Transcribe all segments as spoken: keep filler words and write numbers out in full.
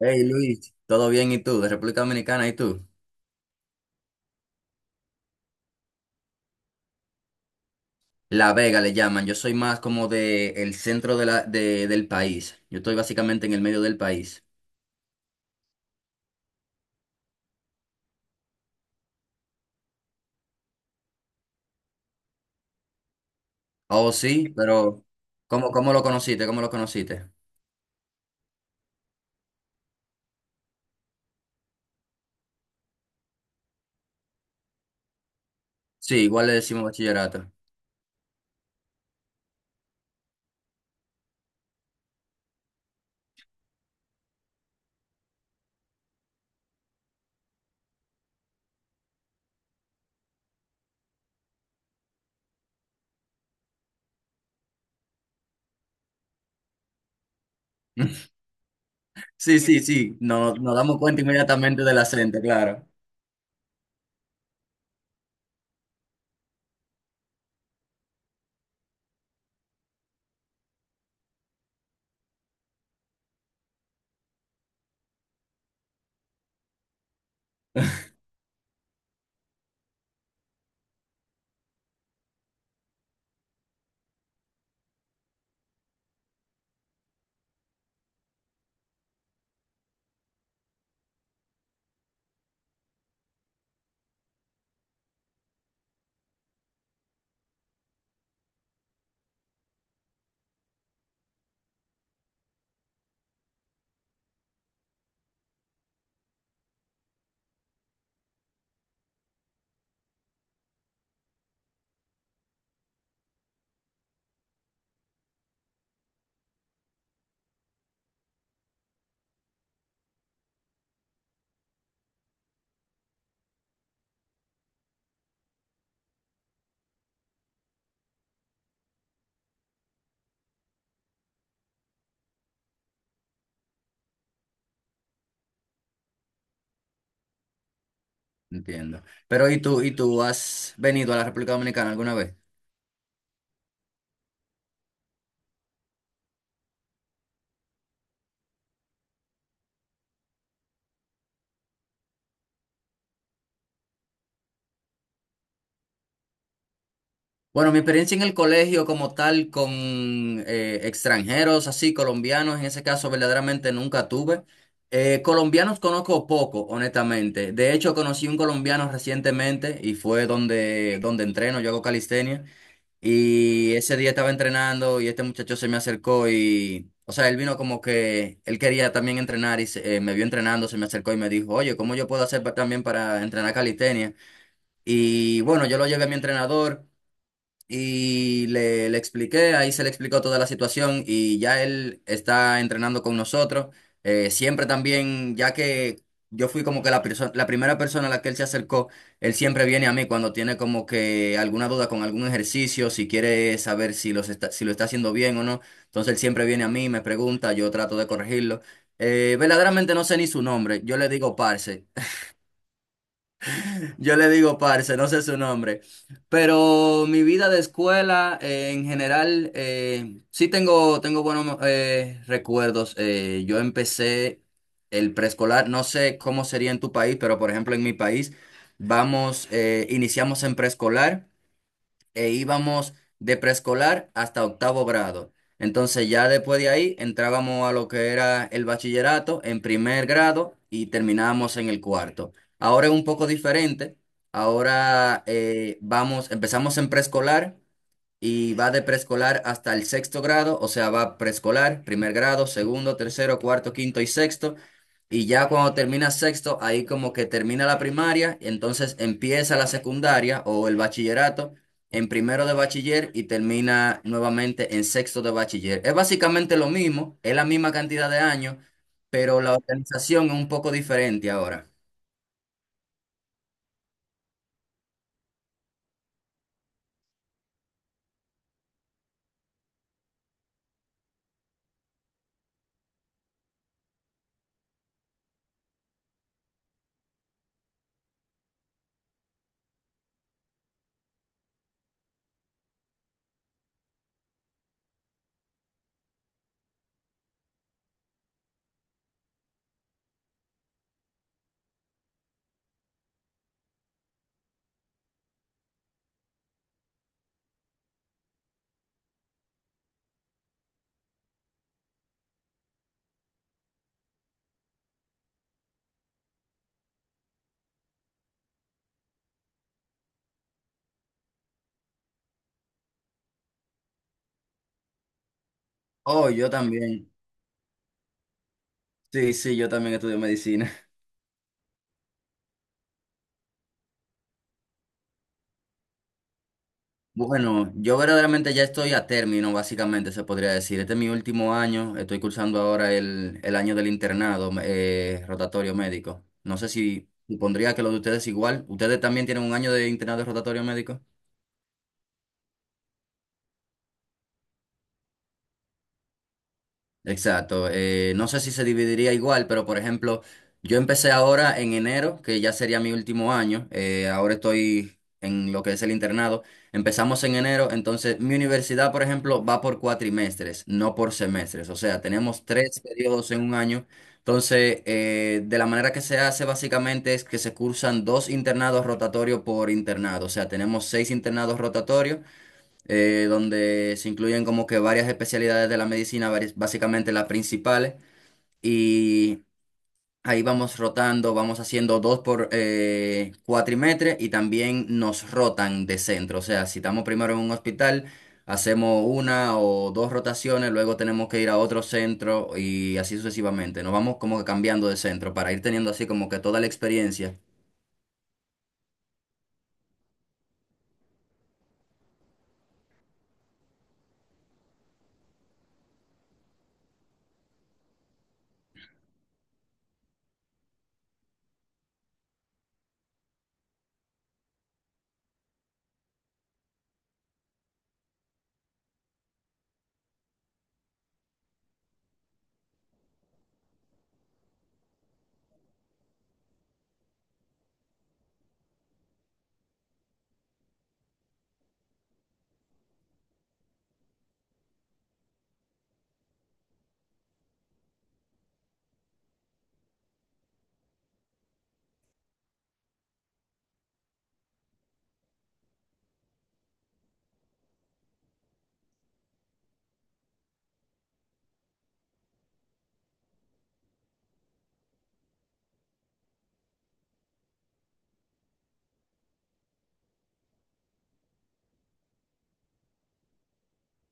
Hey Luis, ¿todo bien? ¿Y tú? De República Dominicana, ¿y tú? La Vega le llaman. Yo soy más como de el centro de la, de- del país. Yo estoy básicamente en el medio del país. Ah, oh, sí, pero ¿cómo, cómo lo conociste? ¿Cómo lo conociste? Sí, igual le decimos bachillerato. Sí, sí, sí. No, nos damos cuenta inmediatamente del acento, claro. Entiendo. Pero ¿y tú? ¿Y tú has venido a la República Dominicana alguna vez? Bueno, mi experiencia en el colegio como tal con eh, extranjeros, así colombianos, en ese caso verdaderamente nunca tuve. Eh, colombianos conozco poco, honestamente. De hecho, conocí un colombiano recientemente y fue donde, donde entreno, yo hago calistenia. Y ese día estaba entrenando y este muchacho se me acercó y, o sea, él vino como que él quería también entrenar y se- eh, me vio entrenando, se me acercó y me dijo, oye, ¿cómo yo puedo hacer pa- también para entrenar calistenia? Y bueno, yo lo llevé a mi entrenador. Y le, le expliqué, ahí se le explicó toda la situación y ya él está entrenando con nosotros. Eh, siempre también, ya que yo fui como que la, perso- la primera persona a la que él se acercó, él siempre viene a mí cuando tiene como que alguna duda con algún ejercicio, si quiere saber si, los está, si lo está haciendo bien o no. Entonces él siempre viene a mí, me pregunta, yo trato de corregirlo. Eh, verdaderamente no sé ni su nombre, yo le digo parce, yo le digo parce, no sé su nombre. Pero mi vida de escuela, eh, en general, eh, sí tengo, tengo buenos eh, recuerdos. Eh, yo empecé el preescolar, no sé cómo sería en tu país, pero por ejemplo en mi país, vamos, eh, iniciamos en preescolar e íbamos de preescolar hasta octavo grado. Entonces ya después de ahí entrábamos a lo que era el bachillerato en primer grado y terminábamos en el cuarto. Ahora es un poco diferente. Ahora eh, vamos, empezamos en preescolar y va de preescolar hasta el sexto grado, o sea, va preescolar, primer grado, segundo, tercero, cuarto, quinto y sexto. Y ya cuando termina sexto, ahí como que termina la primaria, y entonces empieza la secundaria o el bachillerato en primero de bachiller y termina nuevamente en sexto de bachiller. Es básicamente lo mismo, es la misma cantidad de años, pero la organización es un poco diferente ahora. Oh, yo también. Sí, sí, yo también estudio medicina. Bueno, yo verdaderamente ya estoy a término, básicamente se podría decir. Este es mi último año, estoy cursando ahora el, el año del internado eh, rotatorio médico. No sé si supondría que lo de ustedes igual. ¿Ustedes también tienen un año de internado rotatorio médico? Exacto. Eh, no sé si se dividiría igual, pero por ejemplo, yo empecé ahora en enero, que ya sería mi último año. Eh, ahora estoy en lo que es el internado. Empezamos en enero, entonces mi universidad, por ejemplo, va por cuatrimestres, no por semestres. O sea, tenemos tres periodos en un año. Entonces, eh, de la manera que se hace básicamente es que se cursan dos internados rotatorios por internado. O sea, tenemos seis internados rotatorios eh, donde se incluyen como que varias especialidades de la medicina, varias- básicamente las principales, y ahí vamos rotando, vamos haciendo dos por eh, cuatrimestre y también nos rotan de centro, o sea, si estamos primero en un hospital, hacemos una o dos rotaciones, luego tenemos que ir a otro centro y así sucesivamente, nos vamos como que cambiando de centro para ir teniendo así como que toda la experiencia.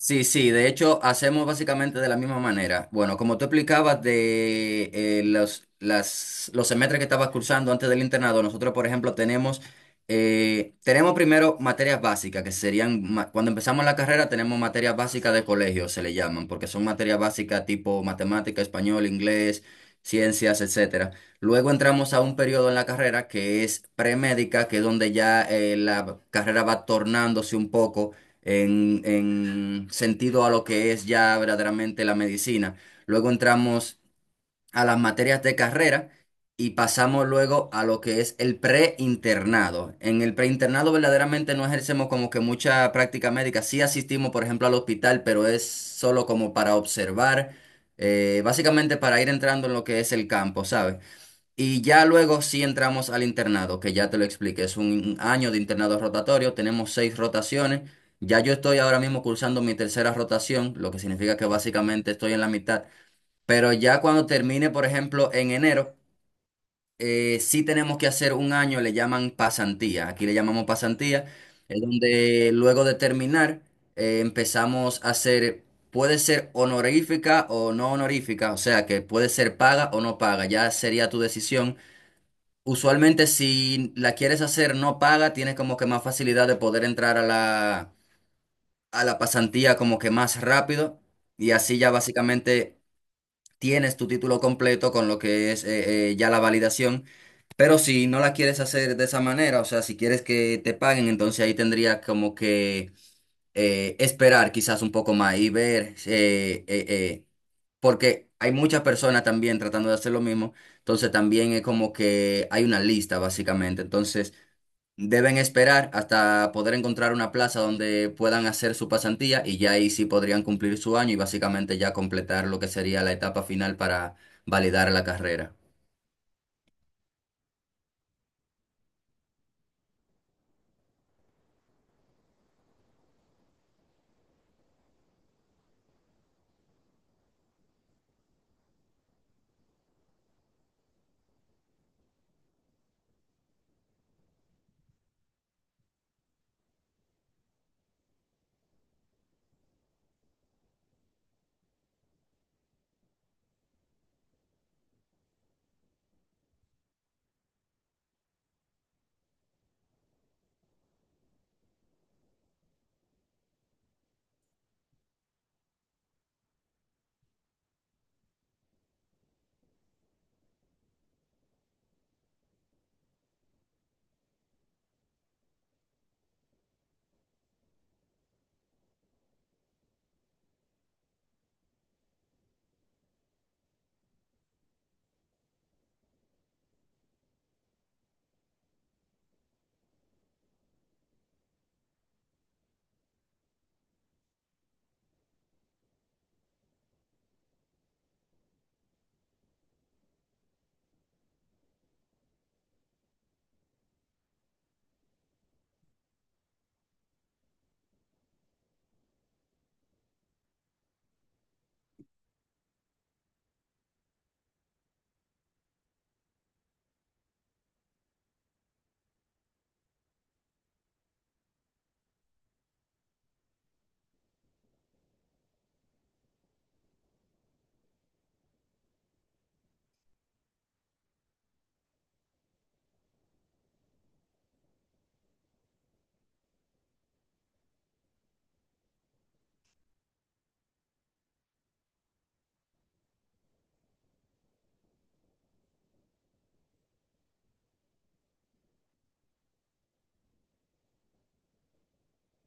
Sí, sí, de hecho hacemos básicamente de la misma manera. Bueno, como tú explicabas de eh, los, las, los semestres que estabas cursando antes del internado, nosotros, por ejemplo, tenemos, eh, tenemos primero materias básicas, que serían, ma- cuando empezamos la carrera tenemos materias básicas de colegio, se le llaman, porque son materias básicas tipo matemática, español, inglés, ciencias, etcétera. Luego entramos a un periodo en la carrera que es premédica, que es donde ya eh, la carrera va tornándose un poco en, en sentido a lo que es ya verdaderamente la medicina. Luego entramos a las materias de carrera y pasamos luego a lo que es el preinternado. En el preinternado verdaderamente no ejercemos como que mucha práctica médica. Sí asistimos, por ejemplo, al hospital, pero es solo como para observar, eh, básicamente para ir entrando en lo que es el campo, ¿sabes? Y ya luego sí entramos al internado, que ya te lo expliqué, es un año de internado rotatorio, tenemos seis rotaciones, ya yo estoy ahora mismo cursando mi tercera rotación, lo que significa que básicamente estoy en la mitad, pero ya cuando termine, por ejemplo, en enero, eh, sí tenemos que hacer un año, le llaman pasantía, aquí le llamamos pasantía, es donde luego de terminar eh, empezamos a hacer, puede ser honorífica o no honorífica, o sea que puede ser paga o no paga, ya sería tu decisión. Usualmente si la quieres hacer no paga, tienes como que más facilidad de poder entrar a la, a la pasantía como que más rápido y así ya básicamente tienes tu título completo con lo que es eh, eh, ya la validación. Pero si no la quieres hacer de esa manera, o sea, si quieres que te paguen, entonces ahí tendría como que eh, esperar quizás un poco más y ver, eh, eh, eh, porque hay muchas personas también tratando de hacer lo mismo, entonces también es como que hay una lista básicamente, entonces deben esperar hasta poder encontrar una plaza donde puedan hacer su pasantía y ya ahí sí podrían cumplir su año y básicamente ya completar lo que sería la etapa final para validar la carrera.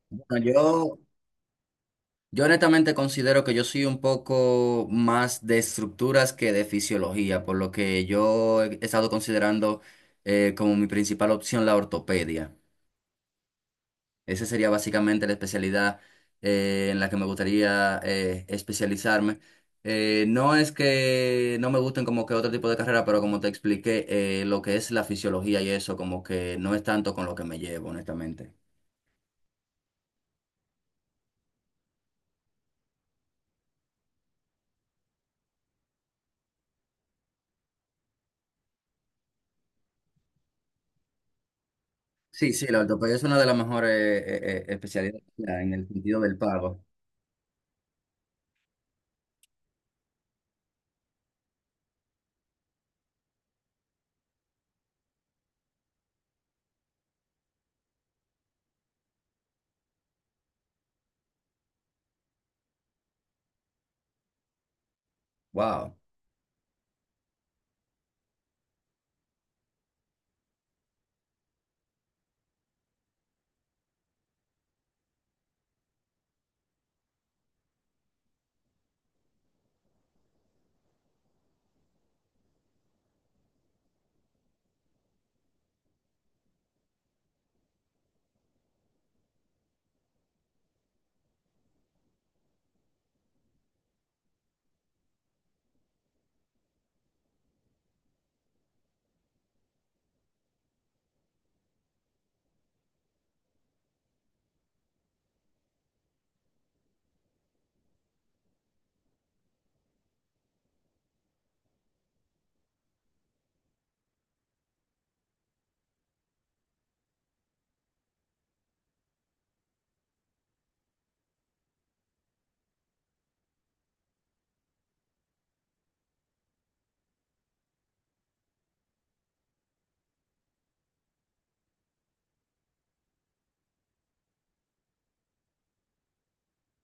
Bueno, yo Yo honestamente considero que yo soy un poco más de estructuras que de fisiología, por lo que yo he estado considerando eh, como mi principal opción la ortopedia. Esa sería básicamente la especialidad eh, en la que me gustaría eh, especializarme. Eh, no es que no me gusten como que otro tipo de carrera, pero como te expliqué, eh, lo que es la fisiología y eso, como que no es tanto con lo que me llevo, honestamente. Sí, sí, la ortopedia es una de las mejores eh, eh, eh, especialidades en el sentido del pago. Wow,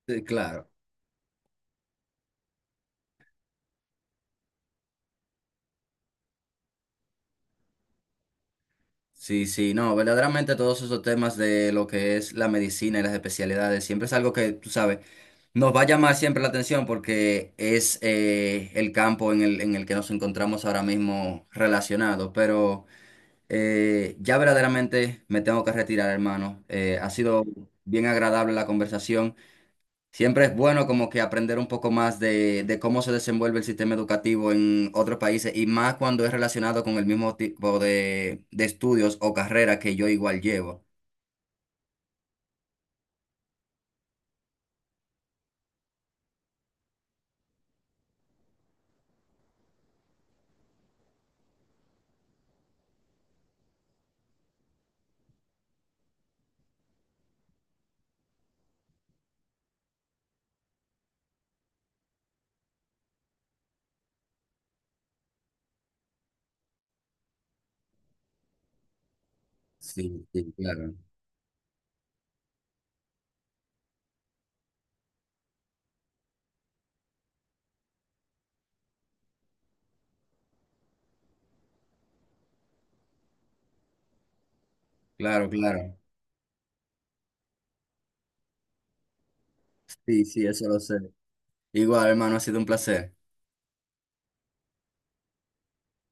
sí, claro. Sí, sí, no, verdaderamente todos esos temas de lo que es la medicina y las especialidades siempre es algo que, tú sabes, nos va a llamar siempre la atención porque es eh, el campo en el, en el que nos encontramos ahora mismo relacionados. Pero eh, ya verdaderamente me tengo que retirar, hermano. Eh, ha sido bien agradable la conversación. Siempre es bueno como que aprender un poco más de, de cómo se desenvuelve el sistema educativo en otros países y más cuando es relacionado con el mismo tipo de, de estudios o carrera que yo igual llevo. Sí, sí, claro. Claro, claro. Sí, sí, eso lo sé. Igual, hermano, ha sido un placer.